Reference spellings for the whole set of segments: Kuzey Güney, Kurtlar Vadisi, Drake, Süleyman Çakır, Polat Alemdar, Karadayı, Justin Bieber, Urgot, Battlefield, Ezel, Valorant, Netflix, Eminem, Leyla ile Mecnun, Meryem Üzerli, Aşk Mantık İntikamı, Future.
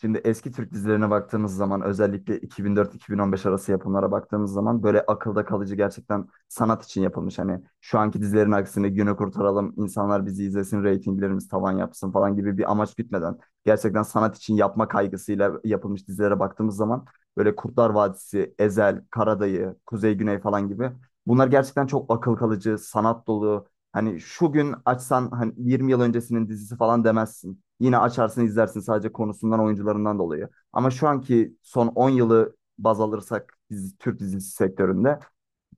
Şimdi eski Türk dizilerine baktığımız zaman özellikle 2004-2015 arası yapımlara baktığımız zaman böyle akılda kalıcı gerçekten sanat için yapılmış. Hani şu anki dizilerin aksine günü kurtaralım, insanlar bizi izlesin, reytinglerimiz tavan yapsın falan gibi bir amaç gütmeden gerçekten sanat için yapma kaygısıyla yapılmış dizilere baktığımız zaman böyle Kurtlar Vadisi, Ezel, Karadayı, Kuzey Güney falan gibi bunlar gerçekten çok akıl kalıcı, sanat dolu. Hani şu gün açsan hani 20 yıl öncesinin dizisi falan demezsin. Yine açarsın izlersin sadece konusundan oyuncularından dolayı. Ama şu anki son 10 yılı baz alırsak dizi, Türk dizisi sektöründe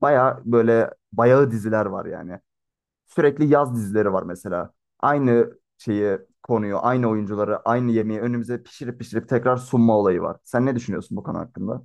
baya böyle bayağı diziler var yani. Sürekli yaz dizileri var mesela. Aynı şeyi konuyu, aynı oyuncuları, aynı yemeği önümüze pişirip pişirip tekrar sunma olayı var. Sen ne düşünüyorsun bu konu hakkında?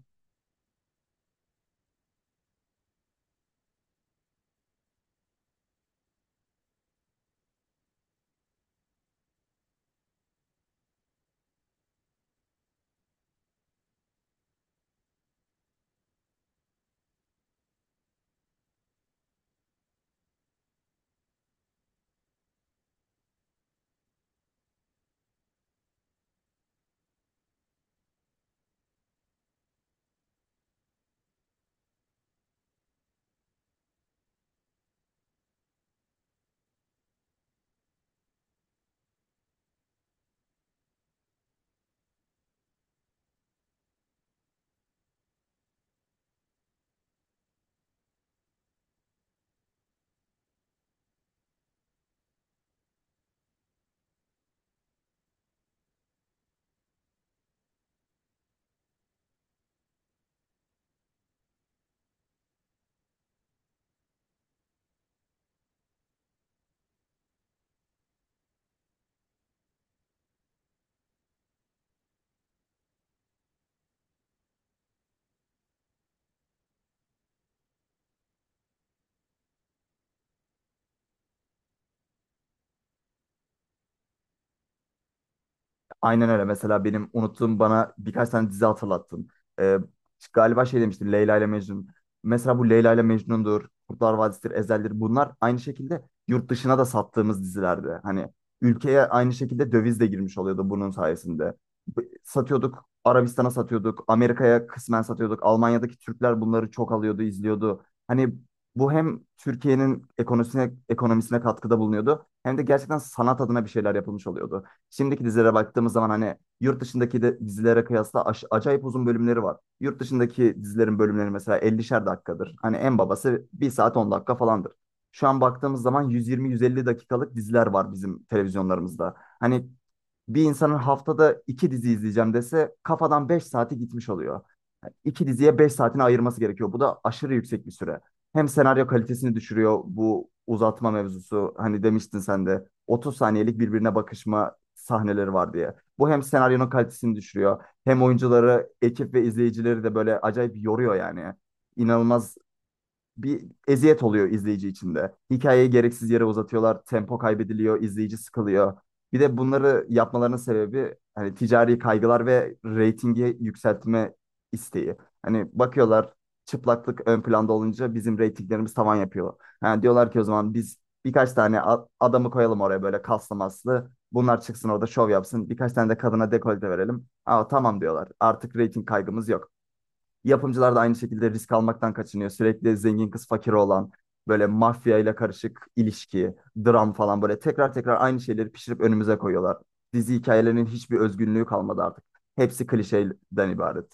Aynen öyle. Mesela benim unuttuğum bana birkaç tane dizi hatırlattın. Ee, Galiba şey demiştin Leyla ile Mecnun. Mesela bu Leyla ile Mecnun'dur, Kurtlar Vadisi'dir, Ezel'dir. Bunlar aynı şekilde yurt dışına da sattığımız dizilerdi. Hani ülkeye aynı şekilde döviz de girmiş oluyordu bunun sayesinde. Satıyorduk, Arabistan'a satıyorduk, Amerika'ya kısmen satıyorduk. Almanya'daki Türkler bunları çok alıyordu, izliyordu. Hani bu hem Türkiye'nin ekonomisine, ekonomisine katkıda bulunuyordu hem de gerçekten sanat adına bir şeyler yapılmış oluyordu. Şimdiki dizilere baktığımız zaman hani yurt dışındaki de dizilere kıyasla acayip uzun bölümleri var. Yurt dışındaki dizilerin bölümleri mesela ellişer dakikadır. Hani en babası bir saat 10 dakika falandır. Şu an baktığımız zaman 120-150 dakikalık diziler var bizim televizyonlarımızda. Hani bir insanın haftada iki dizi izleyeceğim dese kafadan 5 saati gitmiş oluyor. Yani İki diziye 5 saatini ayırması gerekiyor. Bu da aşırı yüksek bir süre. Hem senaryo kalitesini düşürüyor bu uzatma mevzusu. Hani demiştin sen de 30 saniyelik birbirine bakışma sahneleri var diye. Bu hem senaryonun kalitesini düşürüyor, hem oyuncuları, ekip ve izleyicileri de böyle acayip yoruyor yani. İnanılmaz bir eziyet oluyor izleyici için de. Hikayeyi gereksiz yere uzatıyorlar, tempo kaybediliyor, izleyici sıkılıyor. Bir de bunları yapmalarının sebebi hani ticari kaygılar ve reytingi yükseltme isteği. Hani bakıyorlar çıplaklık ön planda olunca bizim reytinglerimiz tavan yapıyor. Ha, diyorlar ki o zaman biz birkaç tane adamı koyalım oraya böyle kaslı maslı. Bunlar çıksın orada şov yapsın. Birkaç tane de kadına dekolte verelim. Aa, tamam diyorlar. Artık reyting kaygımız yok. Yapımcılar da aynı şekilde risk almaktan kaçınıyor. Sürekli zengin kız fakir olan böyle mafya ile karışık ilişki, dram falan böyle tekrar tekrar aynı şeyleri pişirip önümüze koyuyorlar. Dizi hikayelerinin hiçbir özgünlüğü kalmadı artık. Hepsi klişeden ibaret.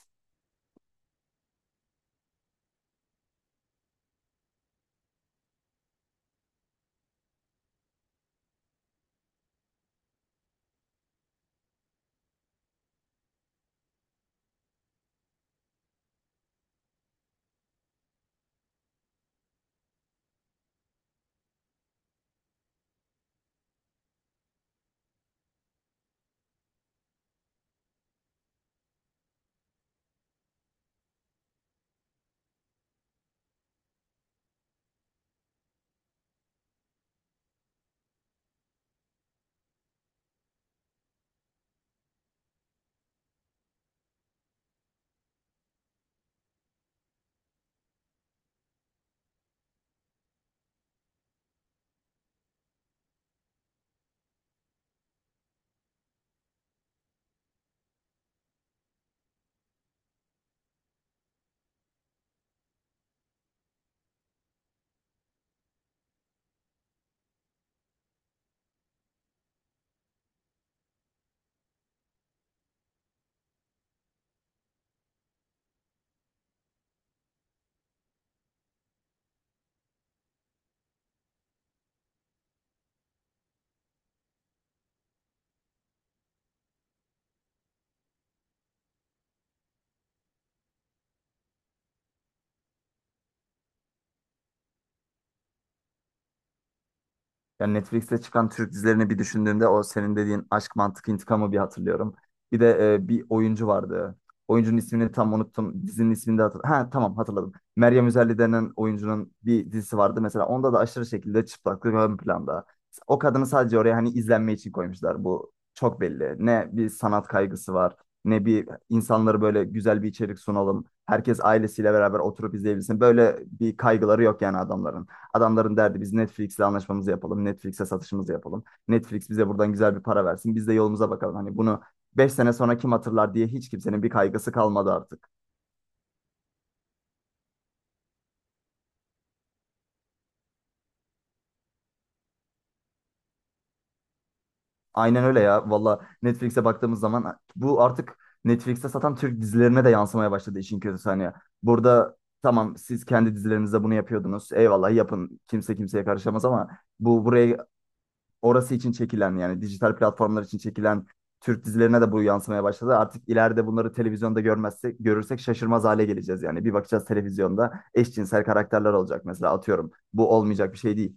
Yani Netflix'te çıkan Türk dizilerini bir düşündüğümde o senin dediğin Aşk Mantık İntikamı bir hatırlıyorum. Bir de bir oyuncu vardı. Oyuncunun ismini tam unuttum. Dizinin ismini de hatırladım. Ha tamam hatırladım. Meryem Üzerli denen oyuncunun bir dizisi vardı. Mesela onda da aşırı şekilde çıplaklık ön planda. O kadını sadece oraya hani izlenme için koymuşlar. Bu çok belli. Ne bir sanat kaygısı var. Ne bir insanları böyle güzel bir içerik sunalım. Herkes ailesiyle beraber oturup izleyebilsin. Böyle bir kaygıları yok yani adamların. Adamların derdi biz Netflix'le anlaşmamızı yapalım. Netflix'e satışımızı yapalım. Netflix bize buradan güzel bir para versin. Biz de yolumuza bakalım. Hani bunu 5 sene sonra kim hatırlar diye hiç kimsenin bir kaygısı kalmadı artık. Aynen öyle ya. Valla Netflix'e baktığımız zaman bu artık Netflix'te satan Türk dizilerine de yansımaya başladı işin kötüsü hani. Burada tamam siz kendi dizilerinizde bunu yapıyordunuz. Eyvallah yapın. Kimse kimseye karışamaz ama bu buraya orası için çekilen yani dijital platformlar için çekilen Türk dizilerine de bu yansımaya başladı. Artık ileride bunları televizyonda görmezsek, görürsek şaşırmaz hale geleceğiz yani. Bir bakacağız televizyonda eşcinsel karakterler olacak mesela atıyorum. Bu olmayacak bir şey değil.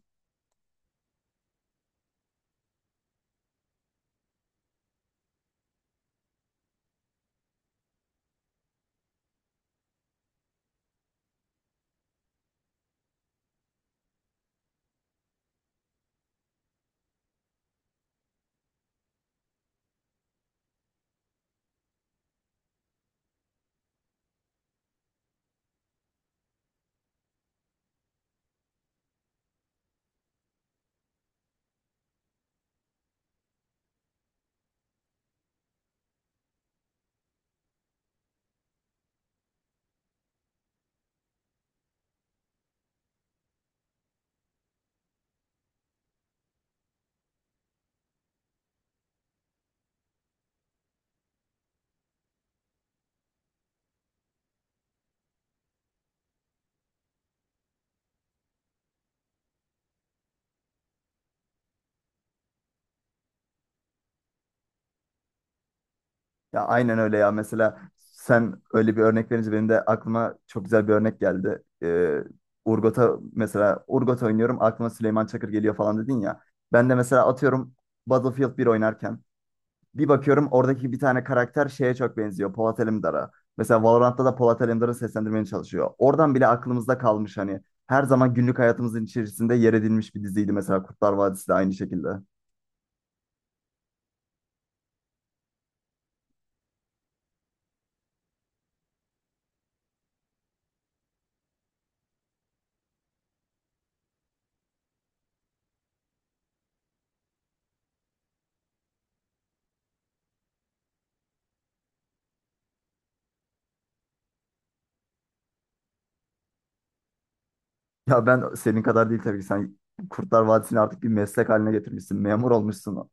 Ya aynen öyle ya mesela sen öyle bir örnek verince benim de aklıma çok güzel bir örnek geldi. Urgot'a mesela Urgot oynuyorum aklıma Süleyman Çakır geliyor falan dedin ya. Ben de mesela atıyorum Battlefield bir oynarken bir bakıyorum oradaki bir tane karakter şeye çok benziyor. Polat Alemdar'a. Mesela Valorant'ta da Polat Alemdar'ı seslendirmeye çalışıyor. Oradan bile aklımızda kalmış hani. Her zaman günlük hayatımızın içerisinde yer edilmiş bir diziydi mesela Kurtlar Vadisi de aynı şekilde. Ya ben senin kadar değil tabii ki sen Kurtlar Vadisi'ni artık bir meslek haline getirmişsin. Memur olmuşsun.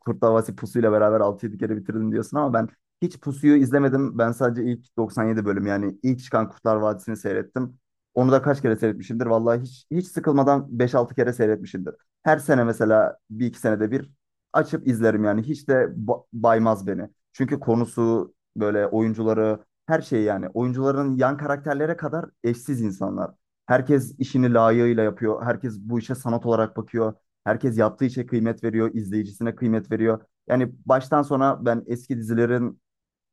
Kurtlar Vadisi pusuyla beraber altı yedi kere bitirdim diyorsun ama ben hiç pusuyu izlemedim. Ben sadece ilk 97 bölüm yani ilk çıkan Kurtlar Vadisi'ni seyrettim. Onu da kaç kere seyretmişimdir. Vallahi hiç hiç sıkılmadan beş altı kere seyretmişimdir. Her sene mesela bir iki senede bir açıp izlerim yani. Hiç de baymaz beni. Çünkü konusu böyle oyuncuları her şey yani. Oyuncuların yan karakterlere kadar eşsiz insanlar. Herkes işini layığıyla yapıyor. Herkes bu işe sanat olarak bakıyor. Herkes yaptığı işe kıymet veriyor, izleyicisine kıymet veriyor. Yani baştan sona ben eski dizilerin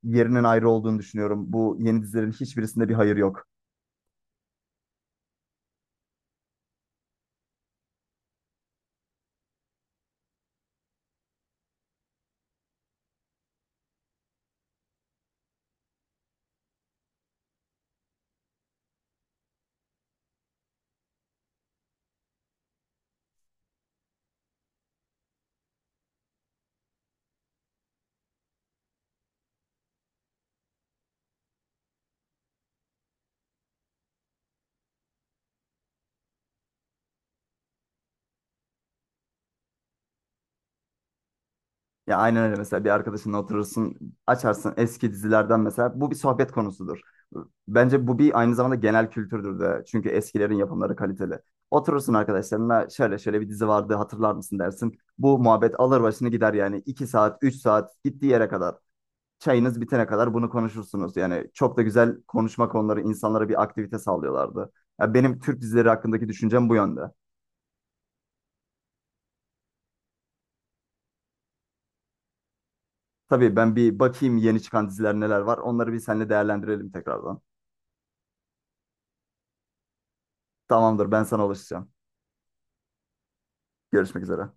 yerinin ayrı olduğunu düşünüyorum. Bu yeni dizilerin hiçbirisinde bir hayır yok. Ya aynen öyle mesela bir arkadaşınla oturursun, açarsın eski dizilerden mesela. Bu bir sohbet konusudur. Bence bu bir aynı zamanda genel kültürdür de. Çünkü eskilerin yapımları kaliteli. Oturursun arkadaşlarına şöyle şöyle bir dizi vardı hatırlar mısın dersin. Bu muhabbet alır başını gider yani 2 saat, 3 saat gittiği yere kadar. Çayınız bitene kadar bunu konuşursunuz. Yani çok da güzel konuşma konuları insanlara bir aktivite sağlıyorlardı. Ya benim Türk dizileri hakkındaki düşüncem bu yönde. Tabii ben bir bakayım yeni çıkan diziler neler var. Onları bir seninle değerlendirelim tekrardan. Tamamdır, ben sana ulaşacağım. Görüşmek üzere.